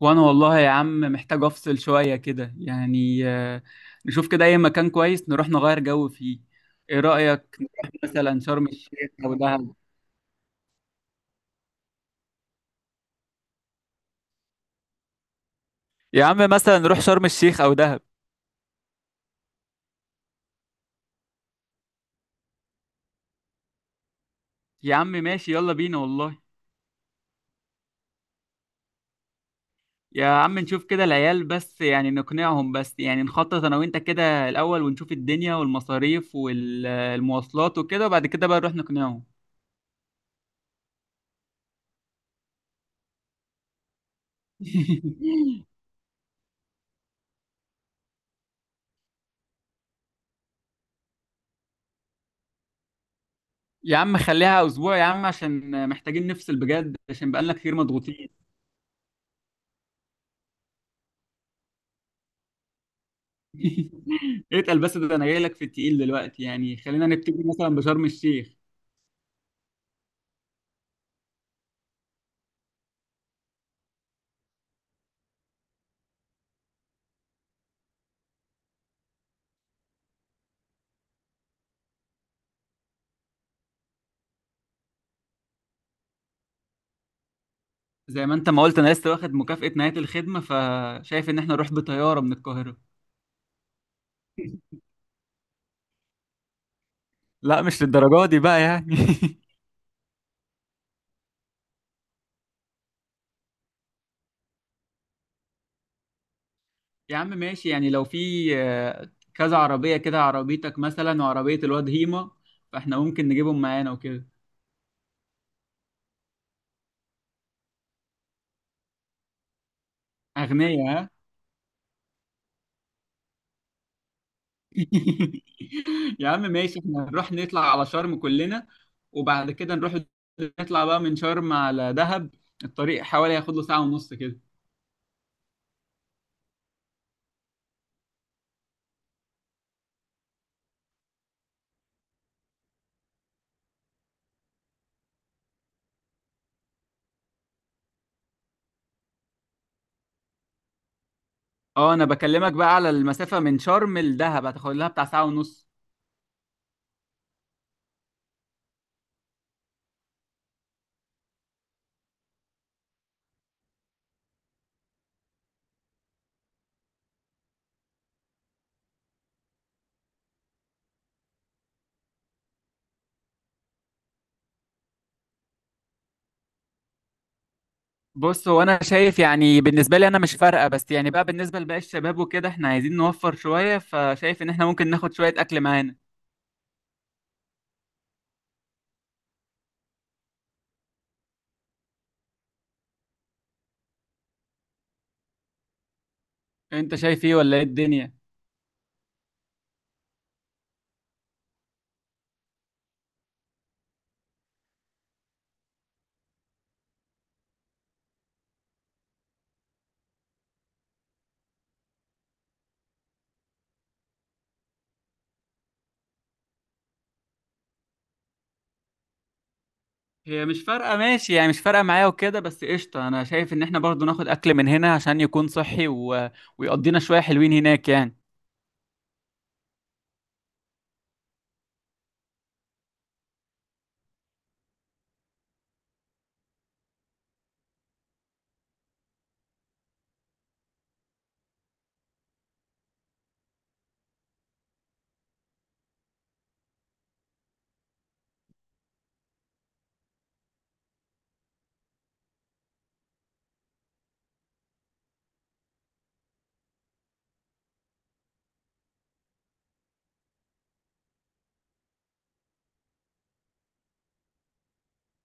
وانا والله يا عم محتاج افصل شوية كده يعني نشوف كده اي مكان كويس نروح نغير جو فيه. ايه رأيك نروح مثلا شرم الشيخ او دهب؟ يا عم مثلا نروح شرم الشيخ او دهب. يا عم ماشي يلا بينا والله. يا عم نشوف كده العيال بس يعني نقنعهم، بس يعني نخطط انا وانت كده الاول ونشوف الدنيا والمصاريف والمواصلات وكده، وبعد كده بقى نروح نقنعهم. يا عم خليها اسبوع يا عم، عشان محتاجين نفصل بجد عشان بقالنا كتير مضغوطين. اتقل بس، ده انا جاي لك في التقيل دلوقتي، يعني خلينا نبتدي مثلا بشرم الشيخ. زي ما انت ما قلت انا لسه واخد مكافأة نهاية الخدمة، فشايف ان احنا نروح بطيارة من القاهرة. لا مش للدرجة دي بقى يعني. يا عم ماشي، يعني لو في كذا عربية كده، عربيتك مثلا وعربية الواد هيما، فاحنا ممكن نجيبهم معانا وكده. أغنياء ها. يا عم ماشي، احنا نروح نطلع على شرم كلنا، وبعد كده نروح نطلع بقى من شرم على دهب. الطريق حوالي هياخد له ساعة ونص كده. اه انا بكلمك بقى على المسافة من شرم لدهب، هتاخد لها بتاع ساعة ونص. بص، هو انا شايف يعني بالنسبه لي انا مش فارقه، بس يعني بقى بالنسبه لباقي الشباب وكده احنا عايزين نوفر شويه، فشايف ان احنا ممكن ناخد شويه اكل معانا. انت شايف ايه ولا ايه الدنيا؟ هي مش فارقة، ماشي يعني، مش فارقة معايا وكده، بس قشطة أنا شايف إن إحنا برضو ناخد أكل من هنا عشان يكون صحي ويقضينا شوية حلوين هناك يعني.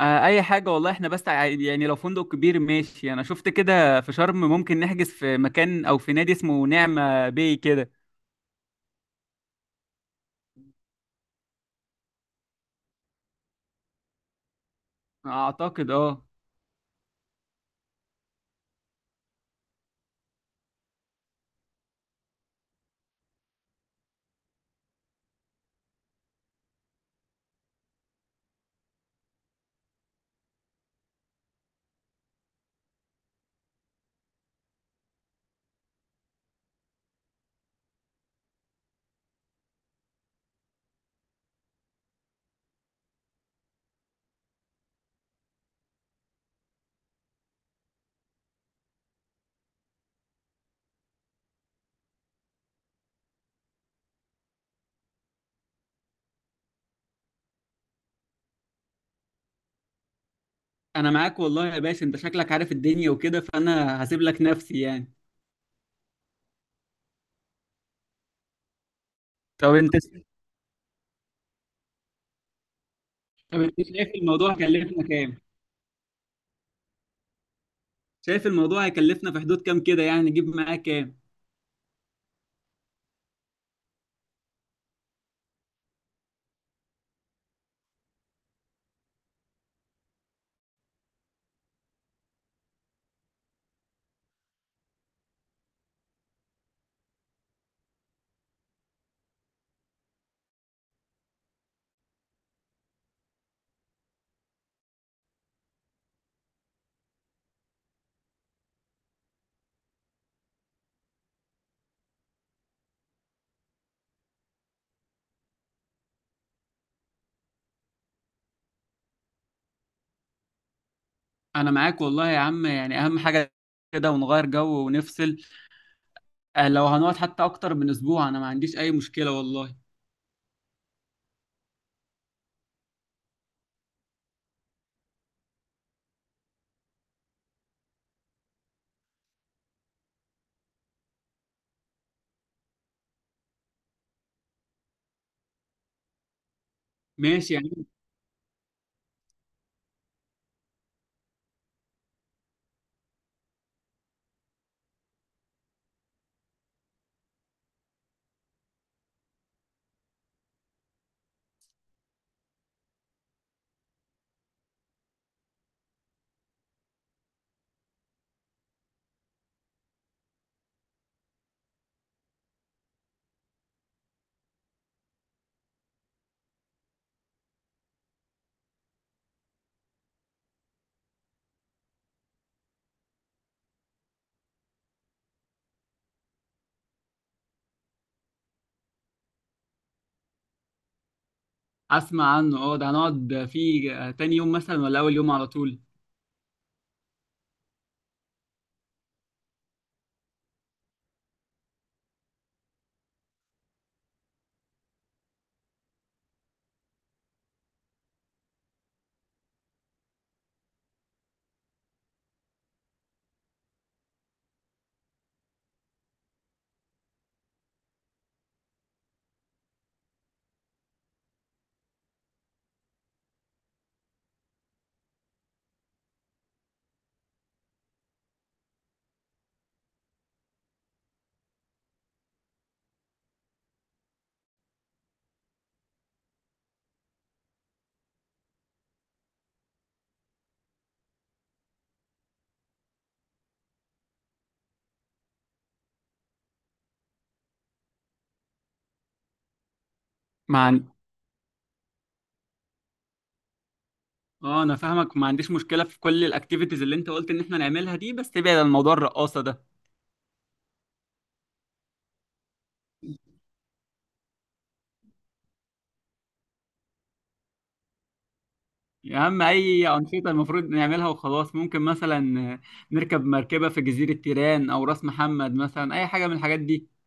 آه أي حاجة والله، إحنا بس يعني لو فندق كبير ماشي، أنا شفت كده في شرم ممكن نحجز في مكان أو في نادي اسمه نعمة باي كده. أعتقد أه. أنا معاك والله يا باشا، أنت شكلك عارف الدنيا وكده، فأنا هسيب لك نفسي يعني. طب أنت طب أنت شايف الموضوع هيكلفنا كام؟ شايف الموضوع هيكلفنا في حدود كام كده يعني، نجيب معاه كام؟ انا معاك والله يا عم، يعني اهم حاجه كده، ونغير جو ونفصل. لو هنقعد حتى اكتر من اسبوع انا ما عنديش اي مشكله والله. ماشي يعني. اسمع عنه، اه ده هنقعد فيه تاني يوم مثلا ولا اول يوم على طول؟ ما عن... اه انا فاهمك، ما عنديش مشكله في كل الاكتيفيتيز اللي انت قلت ان احنا نعملها دي، بس تبعد عن موضوع الرقاصه ده. يا عم اي انشطه المفروض نعملها وخلاص، ممكن مثلا آه، نركب مركبه في جزيره تيران او راس محمد، مثلا اي حاجه من الحاجات دي.